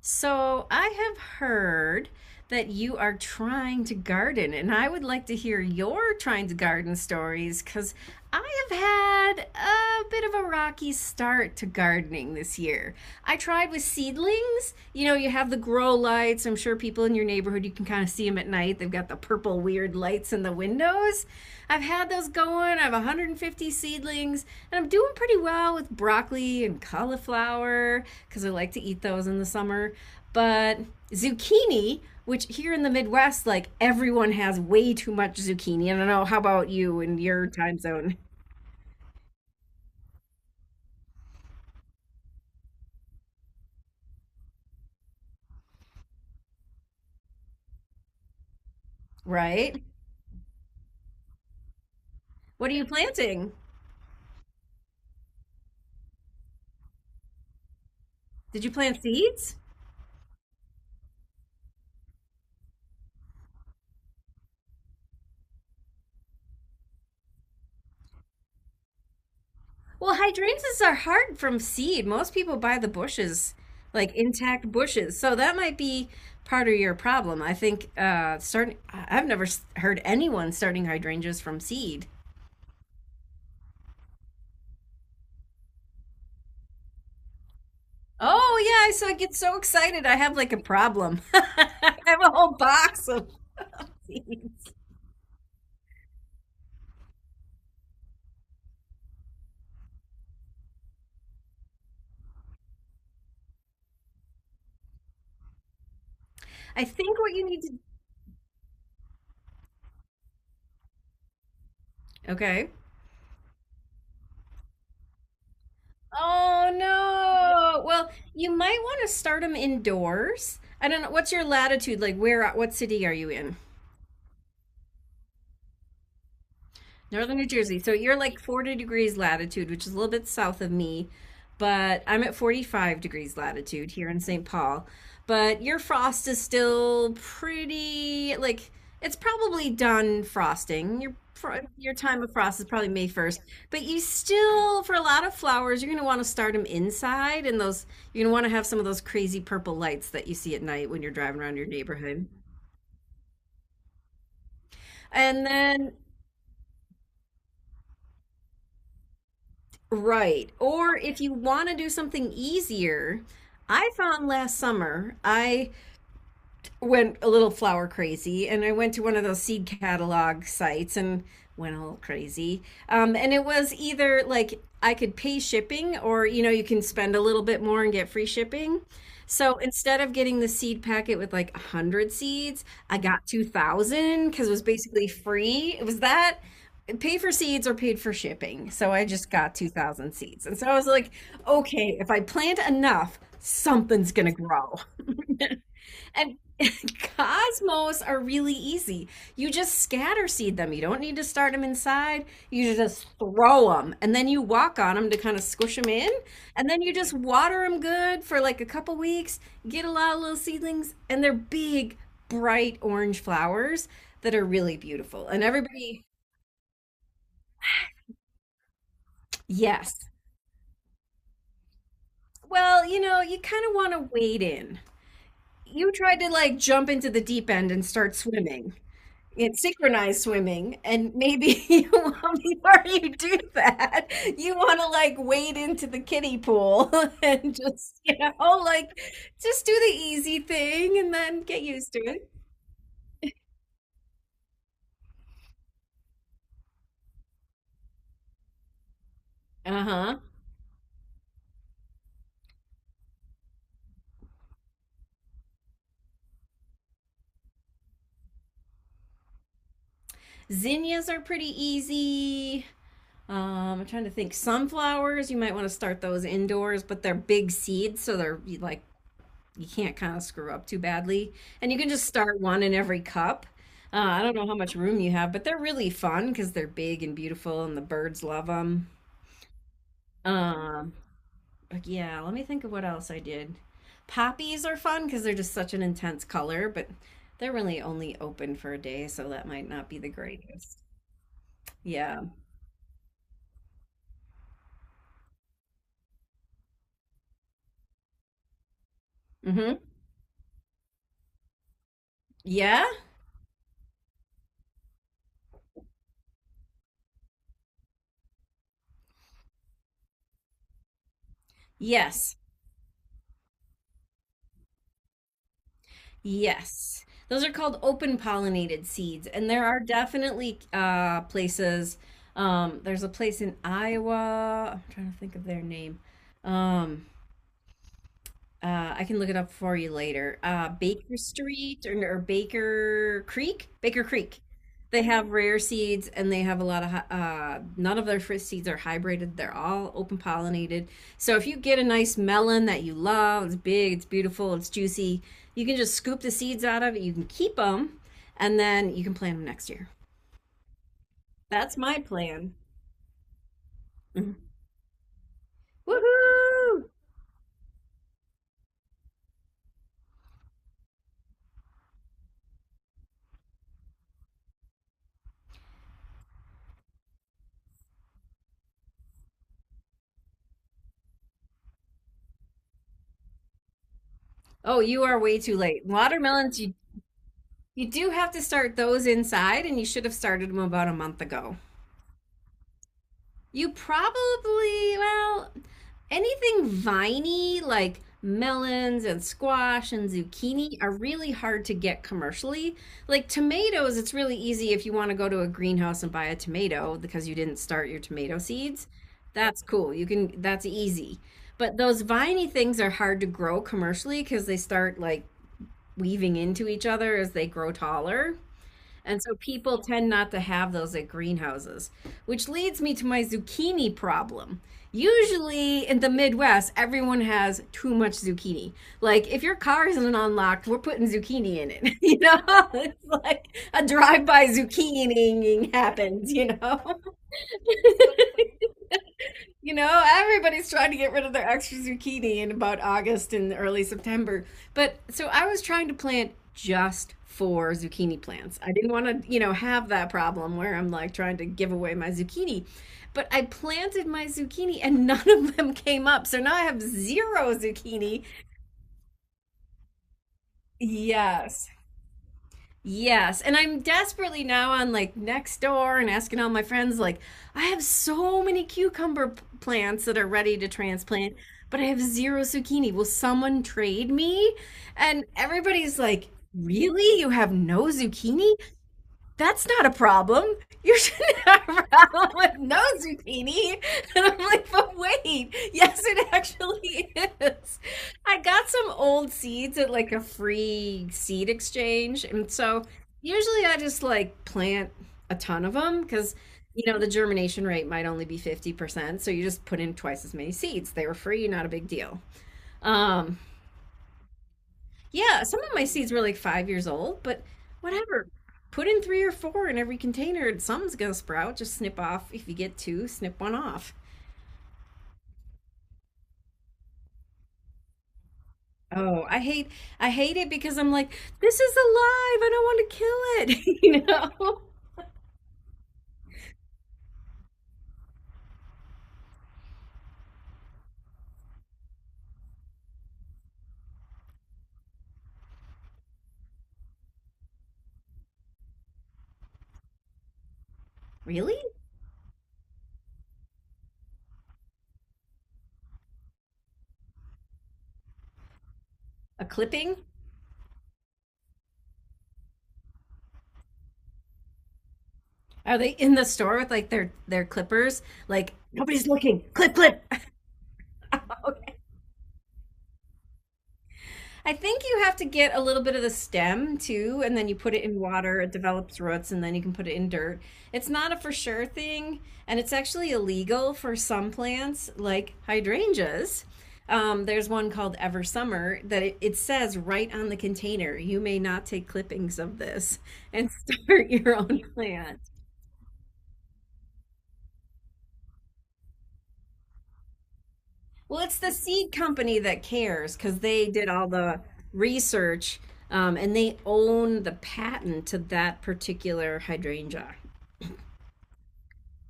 So I have heard that you are trying to garden, and I would like to hear your trying to garden stories because I have had a bit of a rocky start to gardening this year. I tried with seedlings. You know, you have the grow lights. I'm sure people in your neighborhood, you can kind of see them at night. They've got the purple weird lights in the windows. I've had those going. I have 150 seedlings, and I'm doing pretty well with broccoli and cauliflower because I like to eat those in the summer. But zucchini, which here in the Midwest, like everyone has way too much zucchini. I don't know. How about you in your time zone? Right? What are you planting? Did you plant seeds? Well, hydrangeas are hard from seed. Most people buy the bushes, like intact bushes. So that might be part of your problem. I think starting I've never heard anyone starting hydrangeas from seed. Oh, yeah, so I get so excited. I have like a problem. I have a whole box of seeds. I think what you need to. Okay. Oh no. Well, you might want to start them indoors. I don't know. What's your latitude? Like where what city are you in? Northern New Jersey. So you're like 40 degrees latitude, which is a little bit south of me, but I'm at 45 degrees latitude here in St. Paul. But your frost is still pretty, like, it's probably done frosting. Your time of frost is probably May 1st, but you still, for a lot of flowers, you're going to want to start them inside, and those you're going to want to have some of those crazy purple lights that you see at night when you're driving around your neighborhood. And then right. Or if you want to do something easier, I found last summer I went a little flower crazy and I went to one of those seed catalog sites and went a little crazy. And it was either like I could pay shipping or, you know, you can spend a little bit more and get free shipping. So instead of getting the seed packet with like 100 seeds, I got 2,000 because it was basically free. It was that pay for seeds or paid for shipping. So I just got 2,000 seeds. And so I was like, okay, if I plant enough, something's going to grow. And cosmos are really easy. You just scatter seed them. You don't need to start them inside. You just throw them and then you walk on them to kind of squish them in. And then you just water them good for like a couple weeks, get a lot of little seedlings, and they're big, bright orange flowers that are really beautiful. And everybody, yes. Well, you know, you kind of want to wade in. You tried to like jump into the deep end and start swimming. It's synchronized swimming, and maybe you want, before you do that, you want to like wade into the kiddie pool and just, you know, like just do the easy thing and then get used to it. Uh-huh. Zinnias are pretty easy. I'm trying to think. Sunflowers, you might want to start those indoors, but they're big seeds, so they're like you can't kind of screw up too badly. And you can just start one in every cup. I don't know how much room you have, but they're really fun because they're big and beautiful, and the birds love them. Um, but yeah, let me think of what else I did. Poppies are fun because they're just such an intense color, but they're really only open for a day, so that might not be the greatest. Yeah. Mm-hmm. Yeah. Yes. Yes. Those are called open pollinated seeds. And there are definitely places. There's a place in Iowa. I'm trying to think of their name. Um, I can look it up for you later. Baker Street or Baker Creek? Baker Creek. They have rare seeds and they have a lot of, none of their fruit seeds are hybrided. They're all open pollinated. So if you get a nice melon that you love, it's big, it's beautiful, it's juicy, you can just scoop the seeds out of it. You can keep them and then you can plant them next year. That's my plan. Mhm. Woohoo! Oh, you are way too late. Watermelons, you do have to start those inside, and you should have started them about a month ago. You probably, well, anything viney like melons and squash and zucchini are really hard to get commercially. Like tomatoes, it's really easy if you want to go to a greenhouse and buy a tomato because you didn't start your tomato seeds. That's cool. You can, that's easy. But those viney things are hard to grow commercially because they start like weaving into each other as they grow taller. And so people tend not to have those at greenhouses, which leads me to my zucchini problem. Usually in the Midwest, everyone has too much zucchini. Like if your car isn't unlocked, we're putting zucchini in it. You know, it's like a drive-by zucchiniing happens, you know. You know, everybody's trying to get rid of their extra zucchini in about August and early September. But so I was trying to plant just four zucchini plants. I didn't want to, you know, have that problem where I'm like trying to give away my zucchini. But I planted my zucchini and none of them came up. So now I have zero zucchini. Yes. Yes, and I'm desperately now on like next door and asking all my friends like I have so many cucumber plants that are ready to transplant, but I have zero zucchini. Will someone trade me? And everybody's like, "Really? You have no zucchini?" That's not a problem. You shouldn't have a problem with no zucchini. And I'm like, but wait, yes, it actually is. I got some old seeds at like a free seed exchange. And so usually I just like plant a ton of them because, you know, the germination rate might only be 50%. So you just put in twice as many seeds. They were free, not a big deal. Um, yeah, some of my seeds were like 5 years old, but whatever. Put in three or four in every container and something's gonna sprout. Just snip off if you get two, snip one off. Oh, I hate it because I'm like, this is alive. I don't want to kill it. You know? Really? A clipping? Are they in the store with like their clippers? Like nobody's looking. Clip clip. Okay. I think you have to get a little bit of the stem too, and then you put it in water, it develops roots, and then you can put it in dirt. It's not a for sure thing, and it's actually illegal for some plants like hydrangeas. There's one called Ever Summer that it says right on the container, you may not take clippings of this and start your own plant. Well, it's the seed company that cares because they did all the research and they own the patent to that particular hydrangea.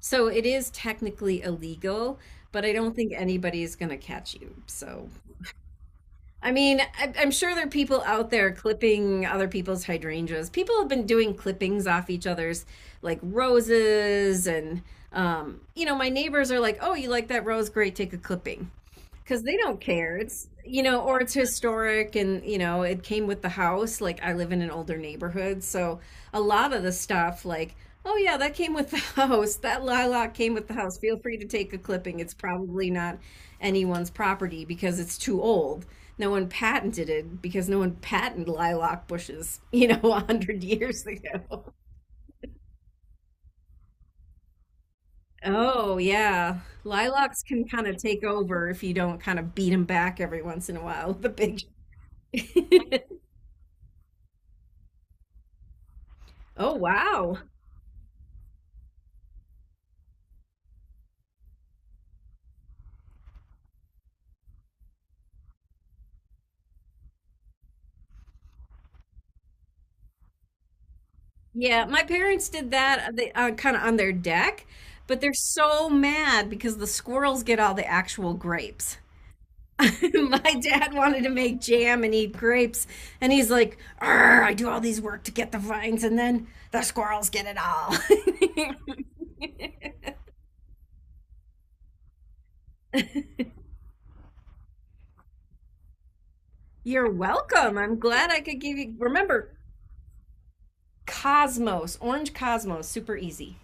So it is technically illegal, but I don't think anybody's going to catch you. So, I mean, I'm sure there are people out there clipping other people's hydrangeas. People have been doing clippings off each other's, like roses. And, you know, my neighbors are like, oh, you like that rose? Great, take a clipping. Because they don't care. It's, you know, or it's historic, and you know, it came with the house. Like I live in an older neighborhood, so a lot of the stuff, like oh yeah, that came with the house. That lilac came with the house. Feel free to take a clipping. It's probably not anyone's property because it's too old. No one patented it because no one patented lilac bushes, you know, 100 years ago. Oh yeah, lilacs can kind of take over if you don't kind of beat them back every once in a while with a big. Oh, wow. Yeah, my parents did that they, kind of on their deck, but they're so mad because the squirrels get all the actual grapes. My dad wanted to make jam and eat grapes, and he's like, "Arr, I do all these work to get the vines, and then the squirrels get it all. You're welcome. I'm glad I could give you. Remember, Cosmos, orange Cosmos, super easy.